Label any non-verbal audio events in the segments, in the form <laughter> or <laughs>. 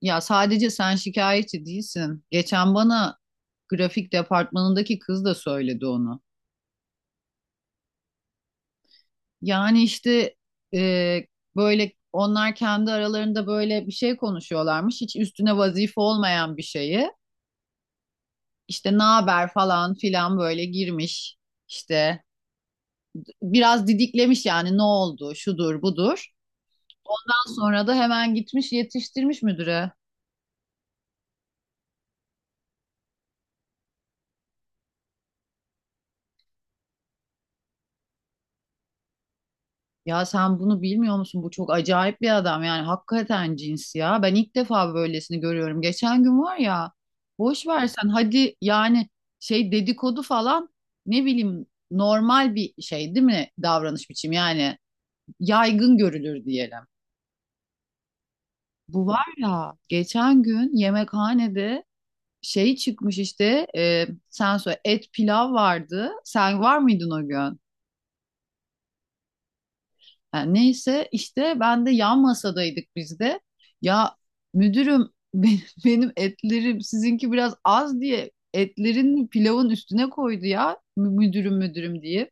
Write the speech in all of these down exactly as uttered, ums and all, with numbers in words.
Ya sadece sen şikayetçi değilsin. Geçen bana grafik departmanındaki kız da söyledi onu. Yani işte e, böyle onlar kendi aralarında böyle bir şey konuşuyorlarmış. Hiç üstüne vazife olmayan bir şeyi. İşte ne haber falan filan böyle girmiş. İşte biraz didiklemiş yani ne oldu şudur budur. Ondan sonra da hemen gitmiş yetiştirmiş müdüre. Ya sen bunu bilmiyor musun? Bu çok acayip bir adam yani hakikaten cins ya. Ben ilk defa böylesini görüyorum. Geçen gün var ya boş versen hadi yani şey dedikodu falan ne bileyim normal bir şey değil mi davranış biçimi yani yaygın görülür diyelim. Bu var ya geçen gün yemekhanede şey çıkmış işte e, sen söyle et pilav vardı. Sen var mıydın o gün? Ha, neyse işte ben de yan masadaydık biz de. Ya müdürüm <laughs> benim, benim etlerim sizinki biraz az diye etlerin pilavın üstüne koydu ya mü- müdürüm müdürüm diye.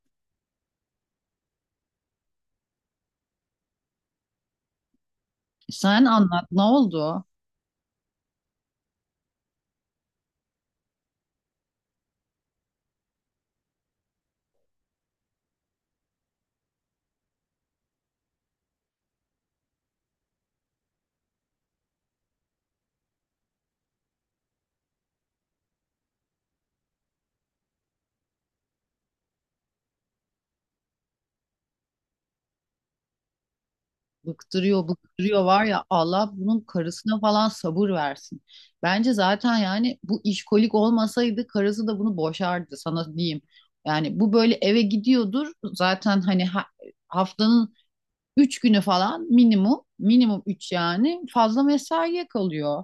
Sen anlat ne oldu? Bıktırıyor bıktırıyor var ya Allah bunun karısına falan sabır versin. Bence zaten yani bu işkolik olmasaydı karısı da bunu boşardı sana diyeyim. Yani bu böyle eve gidiyordur zaten hani ha- haftanın üç günü falan minimum, minimum üç yani fazla mesaiye kalıyor.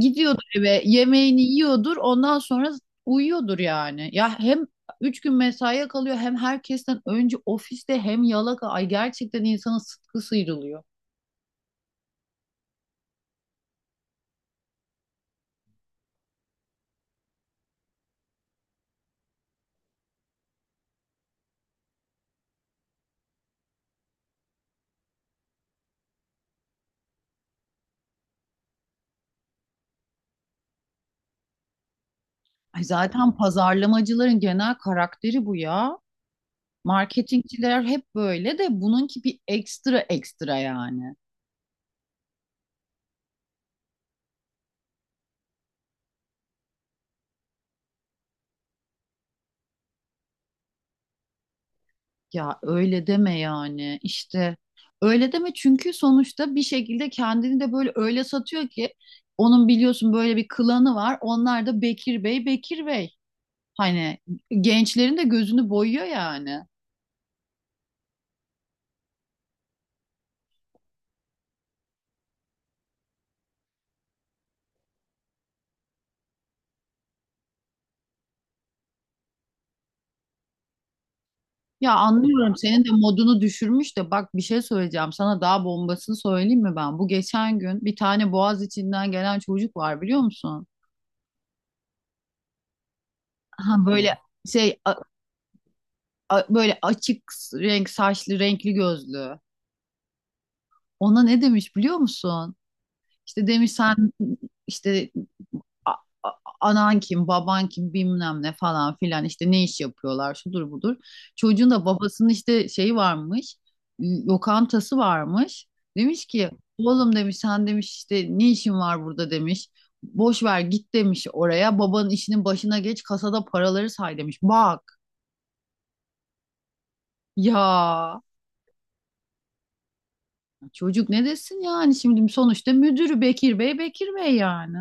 Gidiyordur eve, yemeğini yiyordur, ondan sonra uyuyordur yani. Ya hem üç gün mesaiye kalıyor hem herkesten önce ofiste hem yalaka. Ay gerçekten insanın sıtkı sıyrılıyor. Ay zaten pazarlamacıların genel karakteri bu ya. Marketingçiler hep böyle de bununki bir ekstra ekstra yani. Ya öyle deme yani işte öyle deme çünkü sonuçta bir şekilde kendini de böyle öyle satıyor ki onun biliyorsun böyle bir klanı var onlar da Bekir Bey Bekir Bey hani gençlerin de gözünü boyuyor yani. Ya anlıyorum senin de modunu düşürmüş de bak bir şey söyleyeceğim sana daha bombasını söyleyeyim mi ben? Bu geçen gün bir tane boğaz içinden gelen çocuk var biliyor musun? Ha böyle şey a- a- böyle açık renk saçlı renkli gözlü. Ona ne demiş biliyor musun? İşte demiş sen işte a- a- anan kim, baban kim bilmem ne falan filan işte ne iş yapıyorlar şudur budur. Çocuğun da babasının işte şeyi varmış, lokantası varmış. Demiş ki oğlum demiş sen demiş işte ne işin var burada demiş. Boş ver git demiş oraya babanın işinin başına geç kasada paraları say demiş. Bak ya çocuk ne desin yani şimdi sonuçta müdürü Bekir Bey Bekir Bey yani.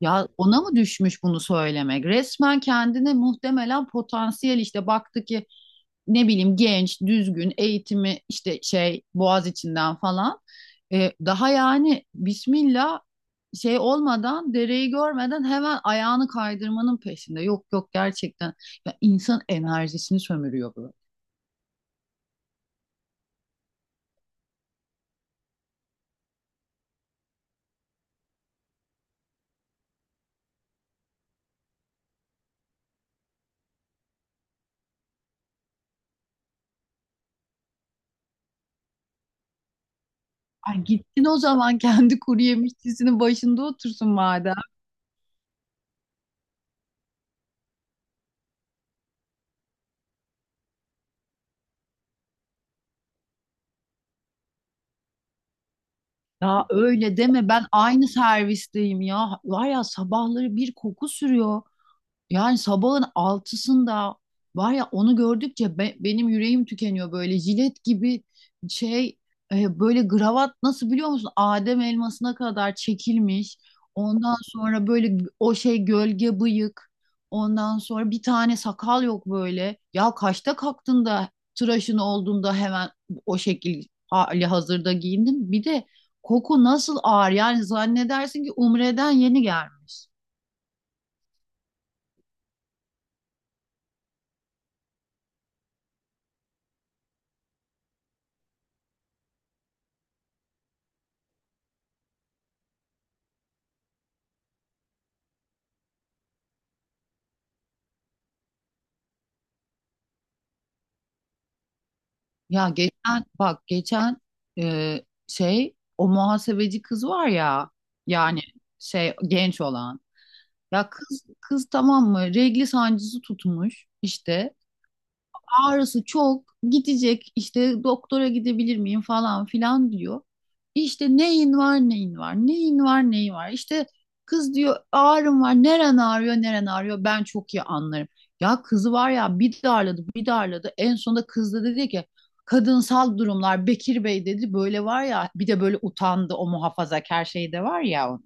Ya ona mı düşmüş bunu söylemek? Resmen kendine muhtemelen potansiyel işte baktı ki ne bileyim genç, düzgün, eğitimi işte şey Boğaziçi'nden falan. Ee, daha yani Bismillah şey olmadan dereyi görmeden hemen ayağını kaydırmanın peşinde. Yok yok gerçekten ya insan enerjisini sömürüyor bu. Ay gitsin o zaman kendi kuru yemişçisinin başında otursun madem. Ya öyle deme ben aynı servisteyim ya. Var ya sabahları bir koku sürüyor. Yani sabahın altısında var ya onu gördükçe be- benim yüreğim tükeniyor böyle jilet gibi şey e, böyle gravat nasıl biliyor musun? Adem elmasına kadar çekilmiş. Ondan sonra böyle o şey gölge bıyık. Ondan sonra bir tane sakal yok böyle. Ya kaçta kalktın da tıraşın olduğunda hemen o şekil hali hazırda giyindin. Bir de koku nasıl ağır yani zannedersin ki Umre'den yeni gelmiş. Ya geçen bak geçen e, şey o muhasebeci kız var ya yani şey genç olan ya kız kız tamam mı regli sancısı tutmuş işte ağrısı çok gidecek işte doktora gidebilir miyim falan filan diyor. İşte neyin var neyin var neyin var neyin var İşte kız diyor ağrım var neren ağrıyor neren ağrıyor ben çok iyi anlarım. Ya kızı var ya bir darladı bir darladı en sonunda kız da dedi ki kadınsal durumlar Bekir Bey dedi böyle var ya bir de böyle utandı o muhafazakar şey de var ya.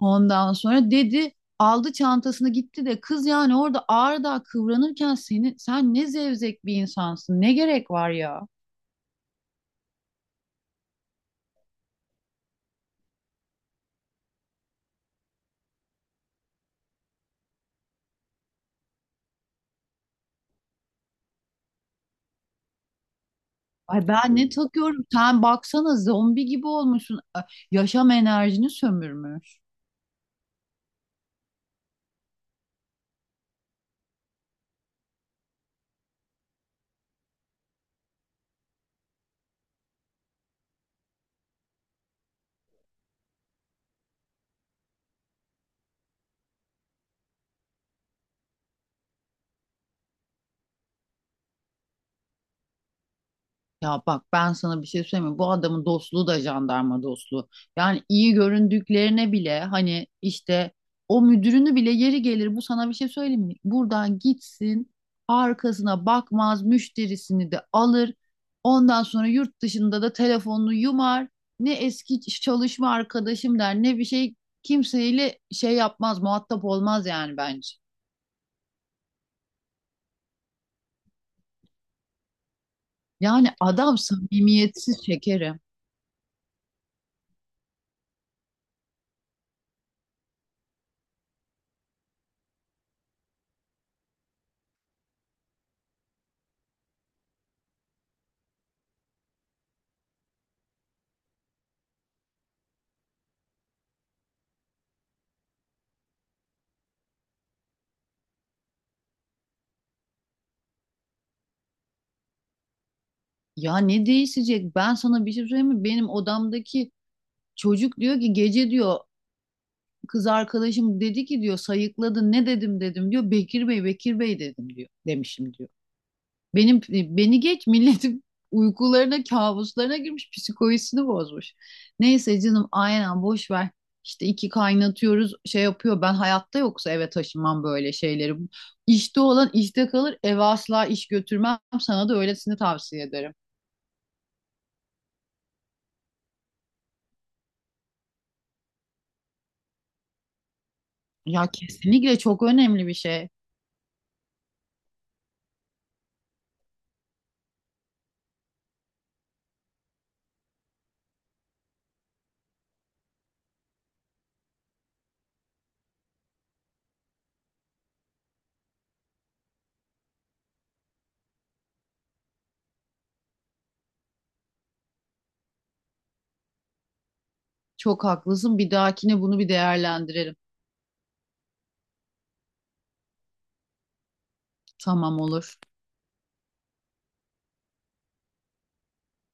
Ondan sonra dedi aldı çantasını gitti de kız yani orada ağırda kıvranırken seni sen ne zevzek bir insansın. Ne gerek var ya? Ay ben ne takıyorum? Sen baksana zombi gibi olmuşsun. Ay, yaşam enerjini sömürmüş. Ya bak ben sana bir şey söyleyeyim mi? Bu adamın dostluğu da jandarma dostluğu. Yani iyi göründüklerine bile hani işte o müdürünü bile yeri gelir bu sana bir şey söyleyeyim mi? Buradan gitsin arkasına bakmaz müşterisini de alır. Ondan sonra yurt dışında da telefonunu yumar. Ne eski çalışma arkadaşım der ne bir şey kimseyle şey yapmaz muhatap olmaz yani bence. Yani adam samimiyetsiz şekerim. Ya ne değişecek? Ben sana bir şey söyleyeyim mi? Benim odamdaki çocuk diyor ki gece diyor kız arkadaşım dedi ki diyor sayıkladı ne dedim dedim diyor. Bekir Bey Bekir Bey dedim diyor demişim diyor. Benim e, beni geç milletin <laughs> uykularına kabuslarına girmiş psikolojisini bozmuş. Neyse canım aynen boş ver. İşte iki kaynatıyoruz şey yapıyor ben hayatta yoksa eve taşınmam böyle şeyleri. İşte olan işte kalır eve asla iş götürmem sana da öylesini tavsiye ederim. Ya kesinlikle çok önemli bir şey. Çok haklısın. Bir dahakine bunu bir değerlendirelim. Tamam olur.